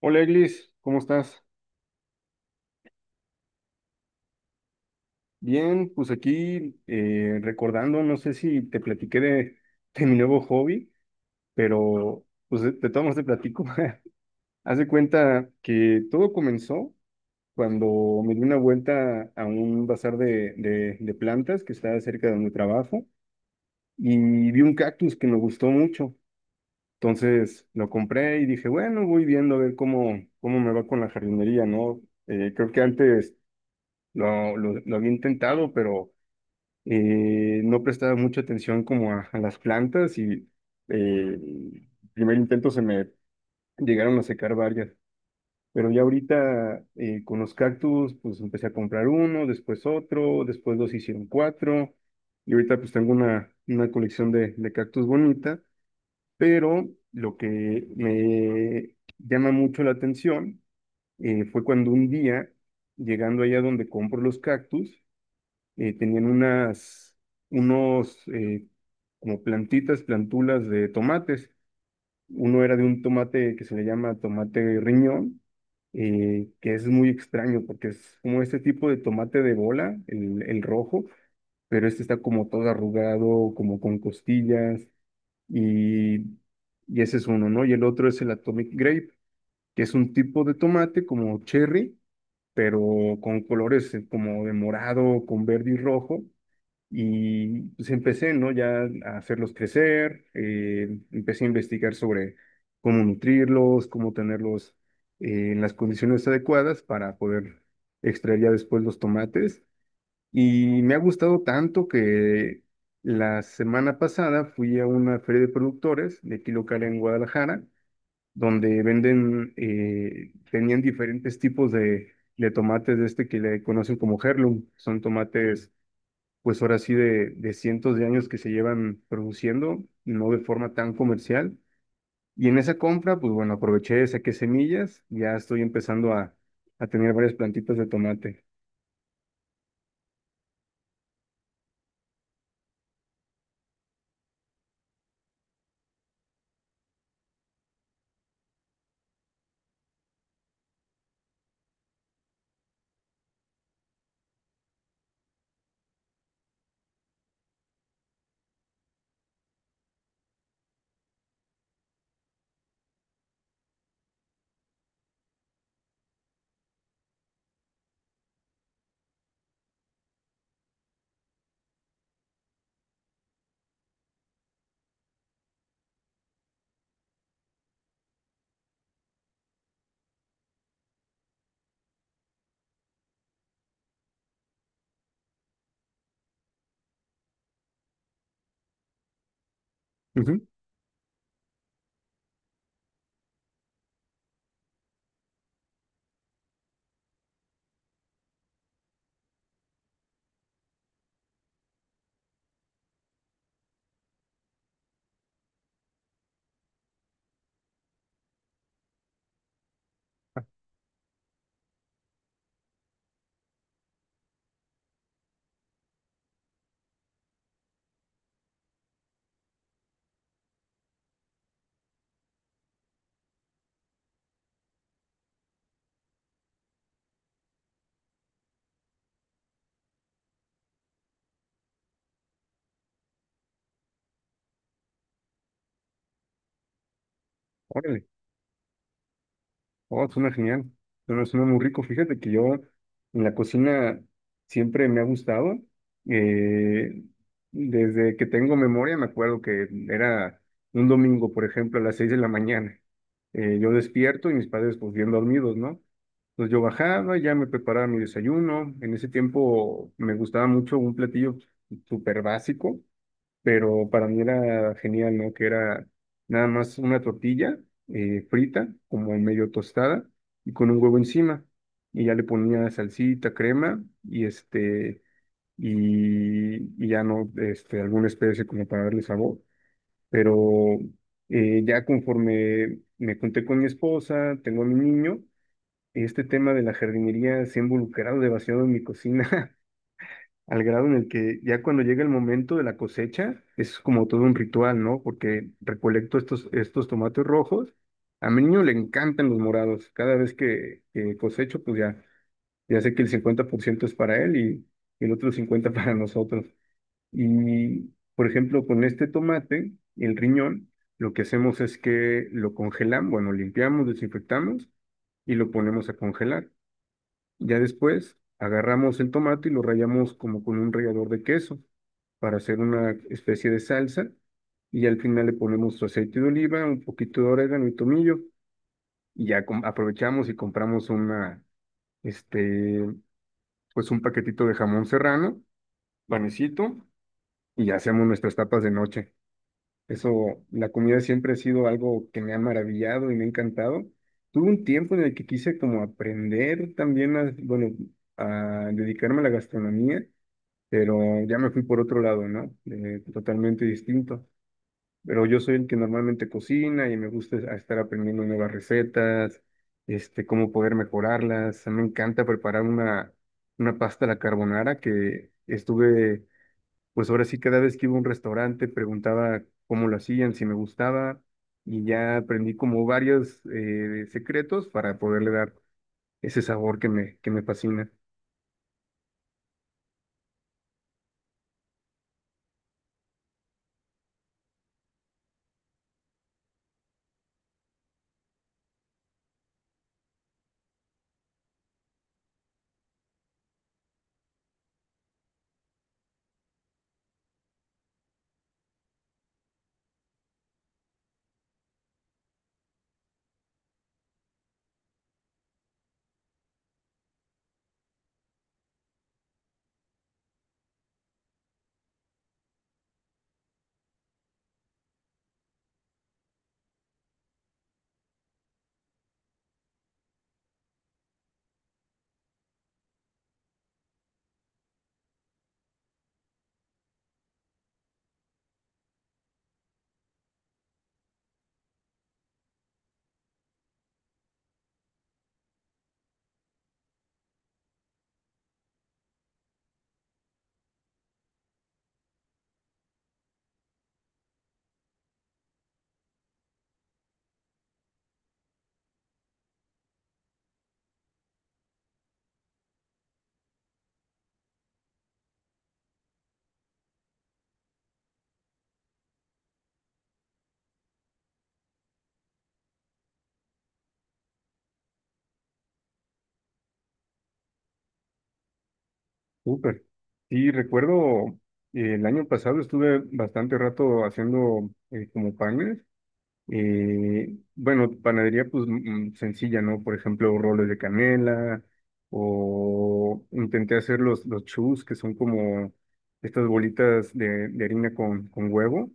Hola Eglis, ¿cómo estás? Bien, pues aquí recordando, no sé si te platiqué de mi nuevo hobby, pero pues de todos modos te platico. Haz de cuenta que todo comenzó cuando me di una vuelta a un bazar de plantas que está cerca de mi trabajo y vi un cactus que me gustó mucho. Entonces lo compré y dije, bueno, voy viendo a ver cómo me va con la jardinería, ¿no? Creo que antes lo había intentado, pero no prestaba mucha atención como a las plantas y eh, primer intento se me llegaron a secar varias. Pero ya ahorita con los cactus, pues empecé a comprar uno, después otro, después dos hicieron cuatro. Y ahorita pues tengo una colección de cactus bonita, pero lo que me llama mucho la atención fue cuando un día, llegando allá donde compro los cactus, tenían unas, unos como plantitas, plantulas de tomates. Uno era de un tomate que se le llama tomate riñón, que es muy extraño porque es como este tipo de tomate de bola, el rojo, pero este está como todo arrugado, como con costillas, y, y ese es uno, ¿no? Y el otro es el Atomic Grape, que es un tipo de tomate como cherry, pero con colores como de morado, con verde y rojo y pues empecé, ¿no? Ya a hacerlos crecer, empecé a investigar sobre cómo nutrirlos, cómo tenerlos en las condiciones adecuadas para poder extraer ya después los tomates. Y me ha gustado tanto que la semana pasada fui a una feria de productores de aquí local en Guadalajara, donde venden, tenían diferentes tipos de tomates de este que le conocen como heirloom, son tomates pues ahora sí de cientos de años que se llevan produciendo, no de forma tan comercial. Y en esa compra, pues bueno, aproveché, saqué semillas, ya estoy empezando a tener varias plantitas de tomate. Ujú, órale. Oh, suena genial. Suena muy rico. Fíjate que yo en la cocina siempre me ha gustado. Eh, Desde que tengo memoria me acuerdo que era un domingo, por ejemplo, a las 6 de la mañana. Yo despierto y mis padres pues bien dormidos, ¿no? Entonces yo bajaba, ya me preparaba mi desayuno. En ese tiempo me gustaba mucho un platillo súper básico, pero para mí era genial, ¿no? Que era nada más una tortilla frita, como medio tostada, y con un huevo encima. Y ya le ponía salsita, crema, y, y ya no, este, alguna especie como para darle sabor. Pero ya conforme me junté con mi esposa, tengo a mi niño, este tema de la jardinería se ha involucrado demasiado en mi cocina. Al grado en el que ya cuando llega el momento de la cosecha, es como todo un ritual, ¿no? Porque recolecto estos tomates rojos. A mi niño le encantan los morados. Cada vez que cosecho, pues ya, ya sé que el 50% es para él y, el otro 50% para nosotros. Y, por ejemplo, con este tomate, el riñón, lo que hacemos es que lo congelamos, bueno, limpiamos, desinfectamos y lo ponemos a congelar. Ya después agarramos el tomate y lo rallamos como con un rallador de queso para hacer una especie de salsa y al final le ponemos su aceite de oliva, un poquito de orégano y tomillo y aprovechamos y compramos una, este, pues un paquetito de jamón serrano, panecito y ya hacemos nuestras tapas de noche. Eso, la comida siempre ha sido algo que me ha maravillado y me ha encantado. Tuve un tiempo en el que quise como aprender también a, bueno, a dedicarme a la gastronomía, pero ya me fui por otro lado, ¿no? Totalmente distinto. Pero yo soy el que normalmente cocina y me gusta estar aprendiendo nuevas recetas, este, cómo poder mejorarlas. Me encanta preparar una pasta a la carbonara que estuve pues ahora sí cada vez que iba a un restaurante preguntaba cómo lo hacían, si me gustaba, y ya aprendí como varios secretos para poderle dar ese sabor que me fascina. Súper. Sí, recuerdo el año pasado estuve bastante rato haciendo como panes. Bueno, panadería pues sencilla, ¿no? Por ejemplo, roles de canela o intenté hacer los chus, que son como estas bolitas de harina con huevo,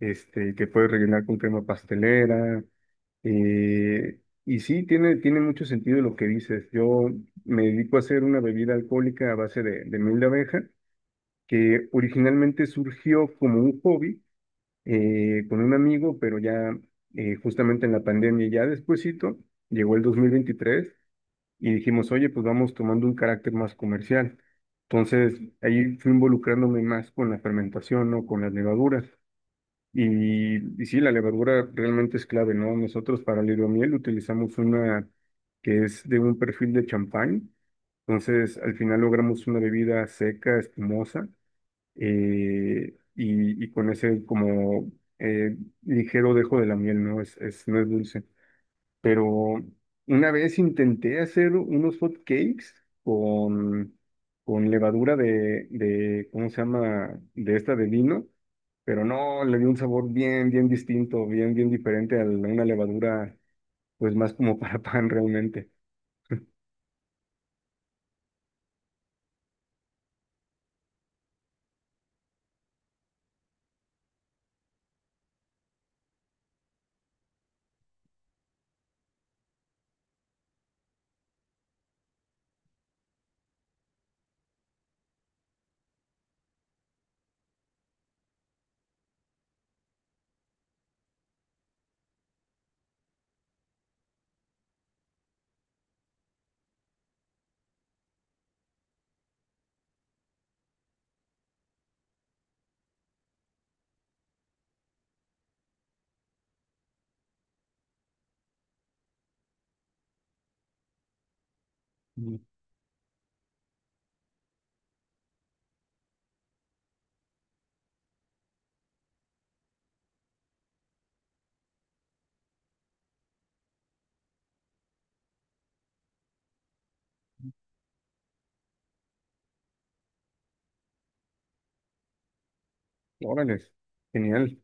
este, que puedes rellenar con crema pastelera. eh, y sí, tiene mucho sentido lo que dices. Yo me dedico a hacer una bebida alcohólica a base de miel de abeja, que originalmente surgió como un hobby con un amigo, pero ya justamente en la pandemia, ya despuesito, llegó el 2023 y dijimos, oye, pues vamos tomando un carácter más comercial. Entonces, ahí fui involucrándome más con la fermentación, ¿no? Con las levaduras. Y sí, la levadura realmente es clave, ¿no? Nosotros para el hidromiel utilizamos una que es de un perfil de champán. Entonces, al final logramos una bebida seca, espumosa y con ese como eh, ligero dejo de la miel, ¿no? No es dulce. Pero una vez intenté hacer unos hot cakes con, levadura ¿cómo se llama? De esta de vino, pero no, le dio un sabor bien, bien distinto, bien, bien diferente a una levadura, pues más como para pan realmente. Mm. Órales, genial.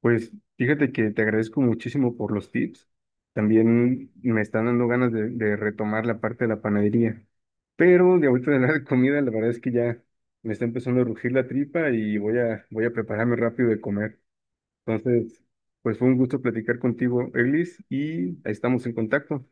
Pues fíjate que te agradezco muchísimo por los tips. También me están dando ganas de retomar la parte de la panadería. Pero de ahorita de la comida, la verdad es que ya me está empezando a rugir la tripa y voy voy a prepararme rápido de comer. Entonces, pues fue un gusto platicar contigo, Eglis, y ahí estamos en contacto.